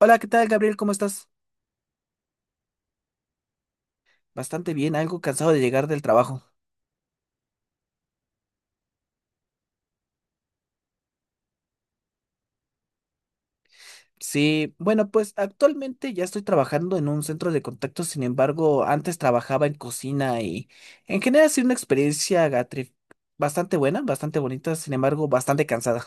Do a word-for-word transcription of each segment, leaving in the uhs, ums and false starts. Hola, ¿qué tal, Gabriel? ¿Cómo estás? Bastante bien, algo cansado de llegar del trabajo. Sí, bueno, pues actualmente ya estoy trabajando en un centro de contacto, sin embargo, antes trabajaba en cocina y en general ha sido una experiencia Gatri, bastante buena, bastante bonita, sin embargo, bastante cansada.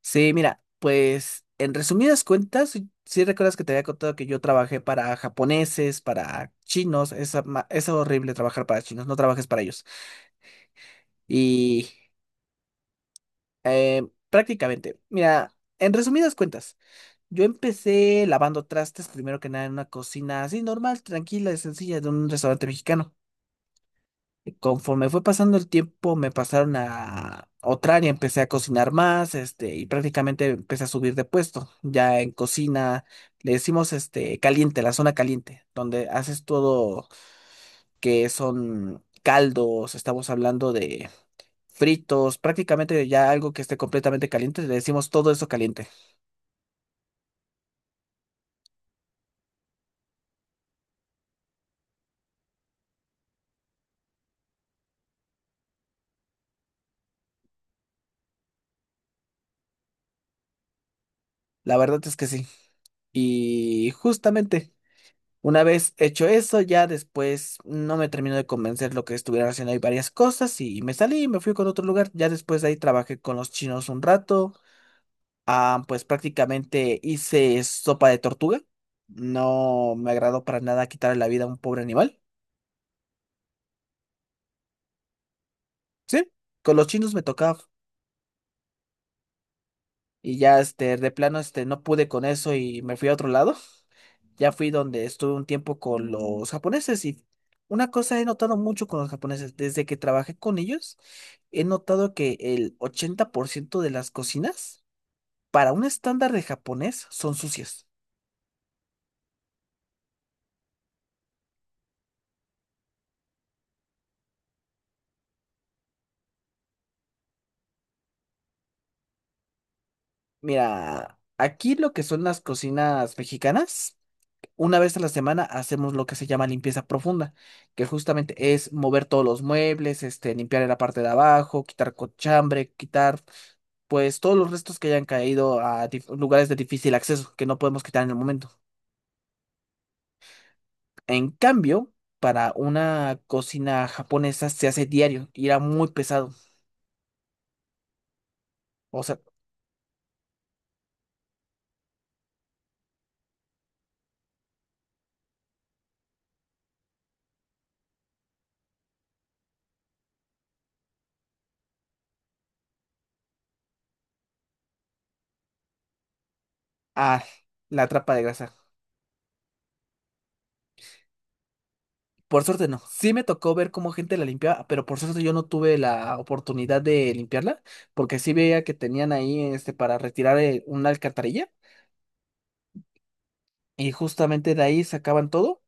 Sí, mira, pues en resumidas cuentas, si recuerdas que te había contado que yo trabajé para japoneses, para chinos, es, ama- es horrible trabajar para chinos, no trabajes para ellos. Y Eh, Prácticamente. Mira, en resumidas cuentas, yo empecé lavando trastes primero que nada en una cocina así normal, tranquila y sencilla de un restaurante mexicano. Y conforme fue pasando el tiempo, me pasaron a otra área, empecé a cocinar más, este, y prácticamente empecé a subir de puesto. Ya en cocina le decimos este caliente, la zona caliente, donde haces todo que son caldos, estamos hablando de fritos, prácticamente ya algo que esté completamente caliente, le decimos todo eso caliente. La verdad es que sí. Y justamente, una vez hecho eso, ya después no me terminó de convencer lo que estuvieran haciendo ahí varias cosas y me salí y me fui con otro lugar. Ya después de ahí trabajé con los chinos un rato. Ah, pues prácticamente hice sopa de tortuga. No me agradó para nada quitarle la vida a un pobre animal. Sí, con los chinos me tocaba. Y ya este, de plano este, no pude con eso y me fui a otro lado. Ya fui donde estuve un tiempo con los japoneses y una cosa he notado mucho con los japoneses, desde que trabajé con ellos, he notado que el ochenta por ciento de las cocinas, para un estándar de japonés, son sucias. Mira, aquí lo que son las cocinas mexicanas. Una vez a la semana hacemos lo que se llama limpieza profunda, que justamente es mover todos los muebles, este, limpiar en la parte de abajo, quitar cochambre, quitar pues todos los restos que hayan caído a dif- lugares de difícil acceso que no podemos quitar en el momento. En cambio, para una cocina japonesa se hace diario y era muy pesado. O sea, ah, la trapa de grasa. Por suerte no. Sí me tocó ver cómo gente la limpiaba, pero por suerte yo no tuve la oportunidad de limpiarla, porque sí veía que tenían ahí este para retirar eh, una alcantarilla y justamente de ahí sacaban todo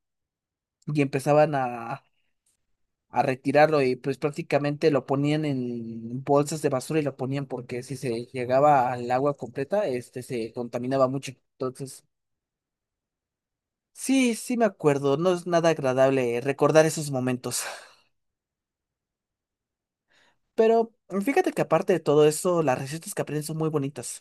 y empezaban a, a retirarlo y pues prácticamente lo ponían en bolsas de basura y lo ponían porque si se llegaba al agua completa, este se contaminaba mucho. Entonces, sí, sí me acuerdo, no es nada agradable recordar esos momentos. Pero fíjate que aparte de todo eso, las recetas que aprenden son muy bonitas.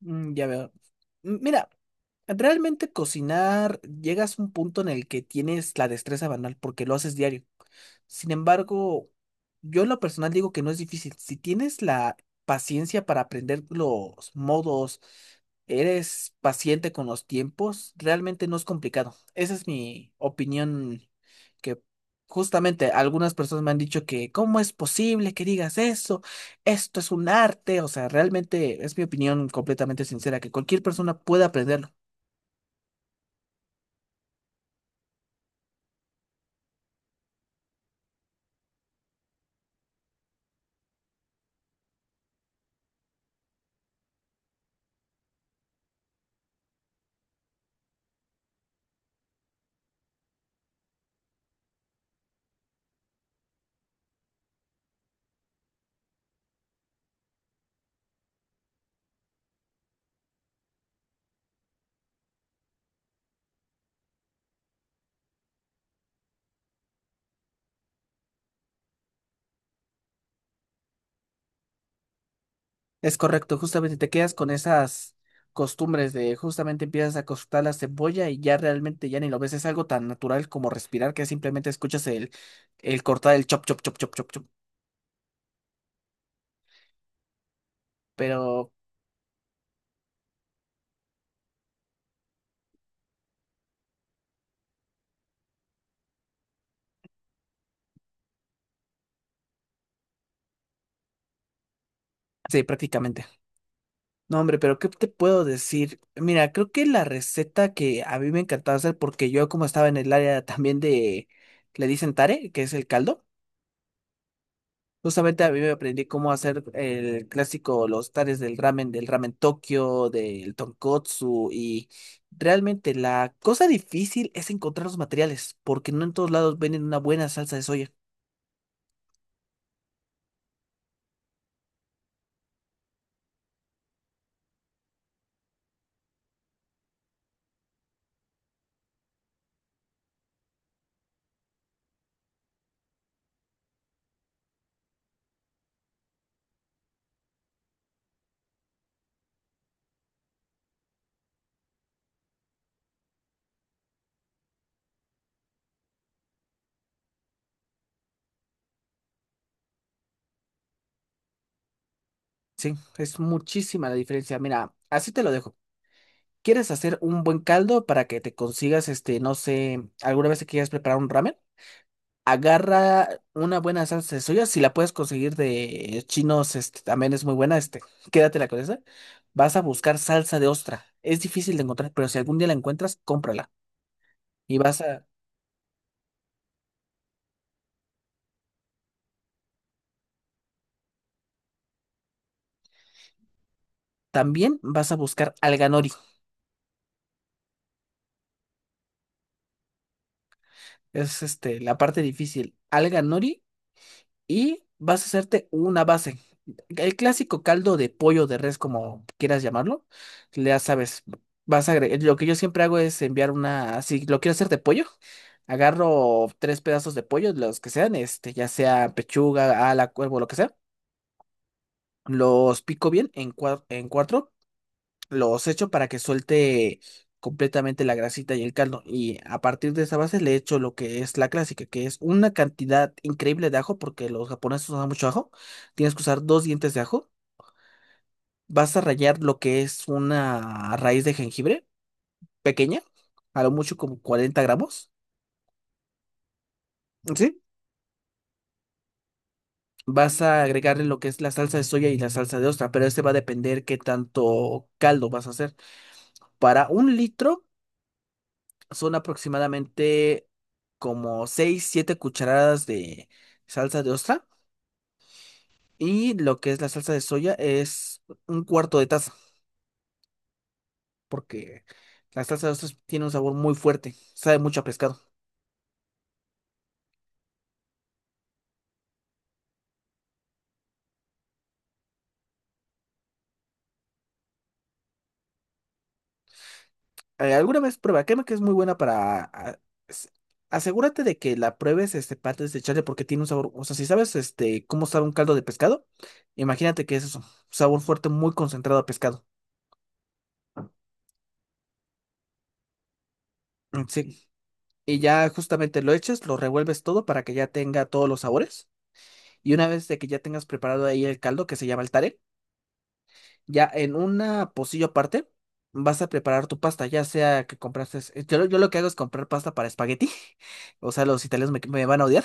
Mm, ya veo. M- Mira, realmente cocinar, llegas a un punto en el que tienes la destreza banal porque lo haces diario. Sin embargo, yo en lo personal digo que no es difícil. Si tienes la paciencia para aprender los modos, eres paciente con los tiempos, realmente no es complicado. Esa es mi opinión que justamente algunas personas me han dicho que ¿cómo es posible que digas eso? Esto es un arte. O sea, realmente es mi opinión completamente sincera que cualquier persona puede aprenderlo. Es correcto, justamente te quedas con esas costumbres de justamente empiezas a cortar la cebolla y ya realmente ya ni lo ves, es algo tan natural como respirar que simplemente escuchas el, el cortar el chop, chop, chop, chop, chop, chop, pero sí, prácticamente. No, hombre, pero ¿qué te puedo decir? Mira, creo que la receta que a mí me encantaba hacer, porque yo como estaba en el área también de, le dicen tare, que es el caldo. Justamente a mí me aprendí cómo hacer el clásico, los tares del ramen, del ramen Tokio, del tonkotsu y realmente la cosa difícil es encontrar los materiales porque no en todos lados venden una buena salsa de soya. Sí, es muchísima la diferencia. Mira, así te lo dejo. ¿Quieres hacer un buen caldo para que te consigas, este, no sé, alguna vez que quieras preparar un ramen? Agarra una buena salsa de soya, si la puedes conseguir de chinos, este también es muy buena, este, quédatela con esa. Vas a buscar salsa de ostra. Es difícil de encontrar, pero si algún día la encuentras, cómprala. Y vas a, también vas a buscar alga nori. Es este, la parte difícil. Alga nori y vas a hacerte una base. El clásico caldo de pollo de res, como quieras llamarlo, ya sabes, vas a agregar, lo que yo siempre hago es enviar una, si lo quiero hacer de pollo, agarro tres pedazos de pollo, los que sean, este, ya sea pechuga, ala, cuervo, lo que sea, los pico bien en, cua- en cuatro los echo para que suelte completamente la grasita y el caldo. Y a partir de esa base le echo lo que es la clásica, que es una cantidad increíble de ajo, porque los japoneses usan mucho ajo. Tienes que usar dos dientes de ajo. Vas a rallar lo que es una raíz de jengibre pequeña, a lo mucho como cuarenta gramos. ¿Sí? Vas a agregarle lo que es la salsa de soya y la salsa de ostra, pero este va a depender qué tanto caldo vas a hacer. Para un litro. Son aproximadamente como seis siete cucharadas de salsa de ostra. Y lo que es la salsa de soya es un cuarto de taza, porque la salsa de ostra tiene un sabor muy fuerte, sabe mucho a pescado. Eh, alguna vez prueba, créeme que es muy buena para... a- as- asegúrate de que la pruebes este, parte de echarle porque tiene un sabor, o sea, si sabes este, cómo sabe un caldo de pescado, imagínate que es eso, sabor fuerte muy concentrado a pescado. Mm, sí, y ya justamente lo echas, lo revuelves todo para que ya tenga todos los sabores. Y una vez de que ya tengas preparado ahí el caldo que se llama el tare, ya en una pocillo aparte vas a preparar tu pasta, ya sea que compraste, eh, yo, lo- yo lo que hago es comprar pasta para espagueti, o sea, los italianos me, me van a odiar,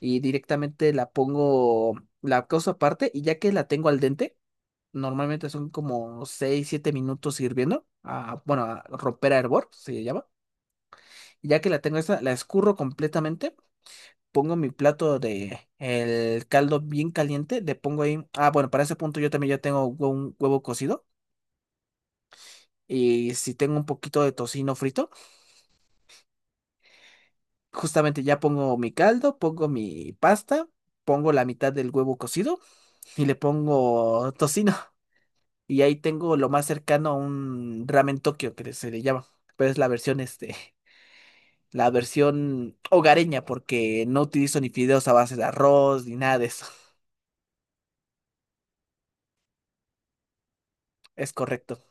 y directamente la pongo, la cosa aparte, y ya que la tengo al dente, normalmente son como seis siete minutos hirviendo, a, bueno, a romper a hervor, se llama, ya que la tengo esa, la escurro completamente pongo mi plato de el caldo bien caliente, le pongo ahí, ah, bueno, para ese punto yo también ya tengo un huevo cocido y si tengo un poquito de tocino frito, justamente ya pongo mi caldo, pongo mi pasta, pongo la mitad del huevo cocido y le pongo tocino y ahí tengo lo más cercano a un ramen Tokio que se le llama, pero es la versión este la versión hogareña, porque no utilizo ni fideos a base de arroz ni nada de eso. Es correcto.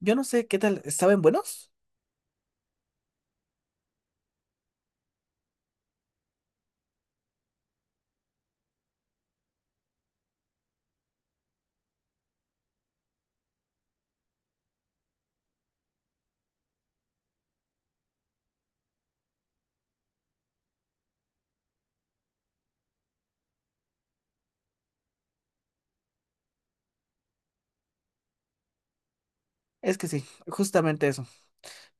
Yo no sé qué tal, ¿saben buenos? Es que sí, justamente eso.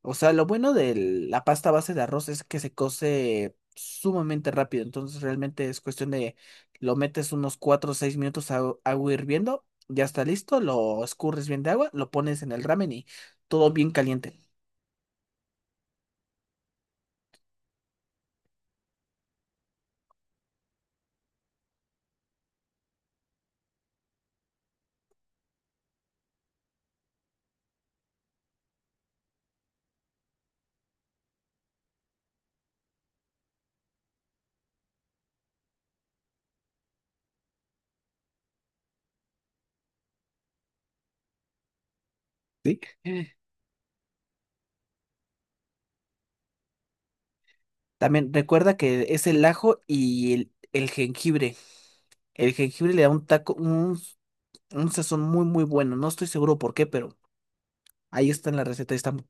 O sea, lo bueno de la pasta base de arroz es que se cose sumamente rápido. Entonces, realmente es cuestión de lo metes unos cuatro o seis minutos a agua hirviendo, ya está listo, lo escurres bien de agua, lo pones en el ramen y todo bien caliente. ¿Sí? Eh. También recuerda que es el ajo y el, el jengibre. El jengibre le da un taco, un, un sazón muy, muy bueno. No estoy seguro por qué, pero ahí está en la receta. Y está, mu-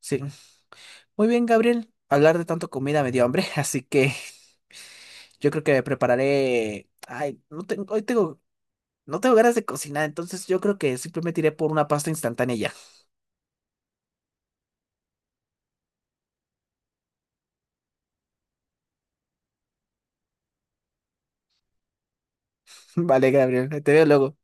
sí. Muy bien, Gabriel. Hablar de tanto comida me dio hambre, así que yo creo que me prepararé. Ay, no tengo, hoy tengo, no tengo ganas de cocinar, entonces yo creo que simplemente iré por una pasta instantánea y ya. Vale, Gabriel, te veo luego.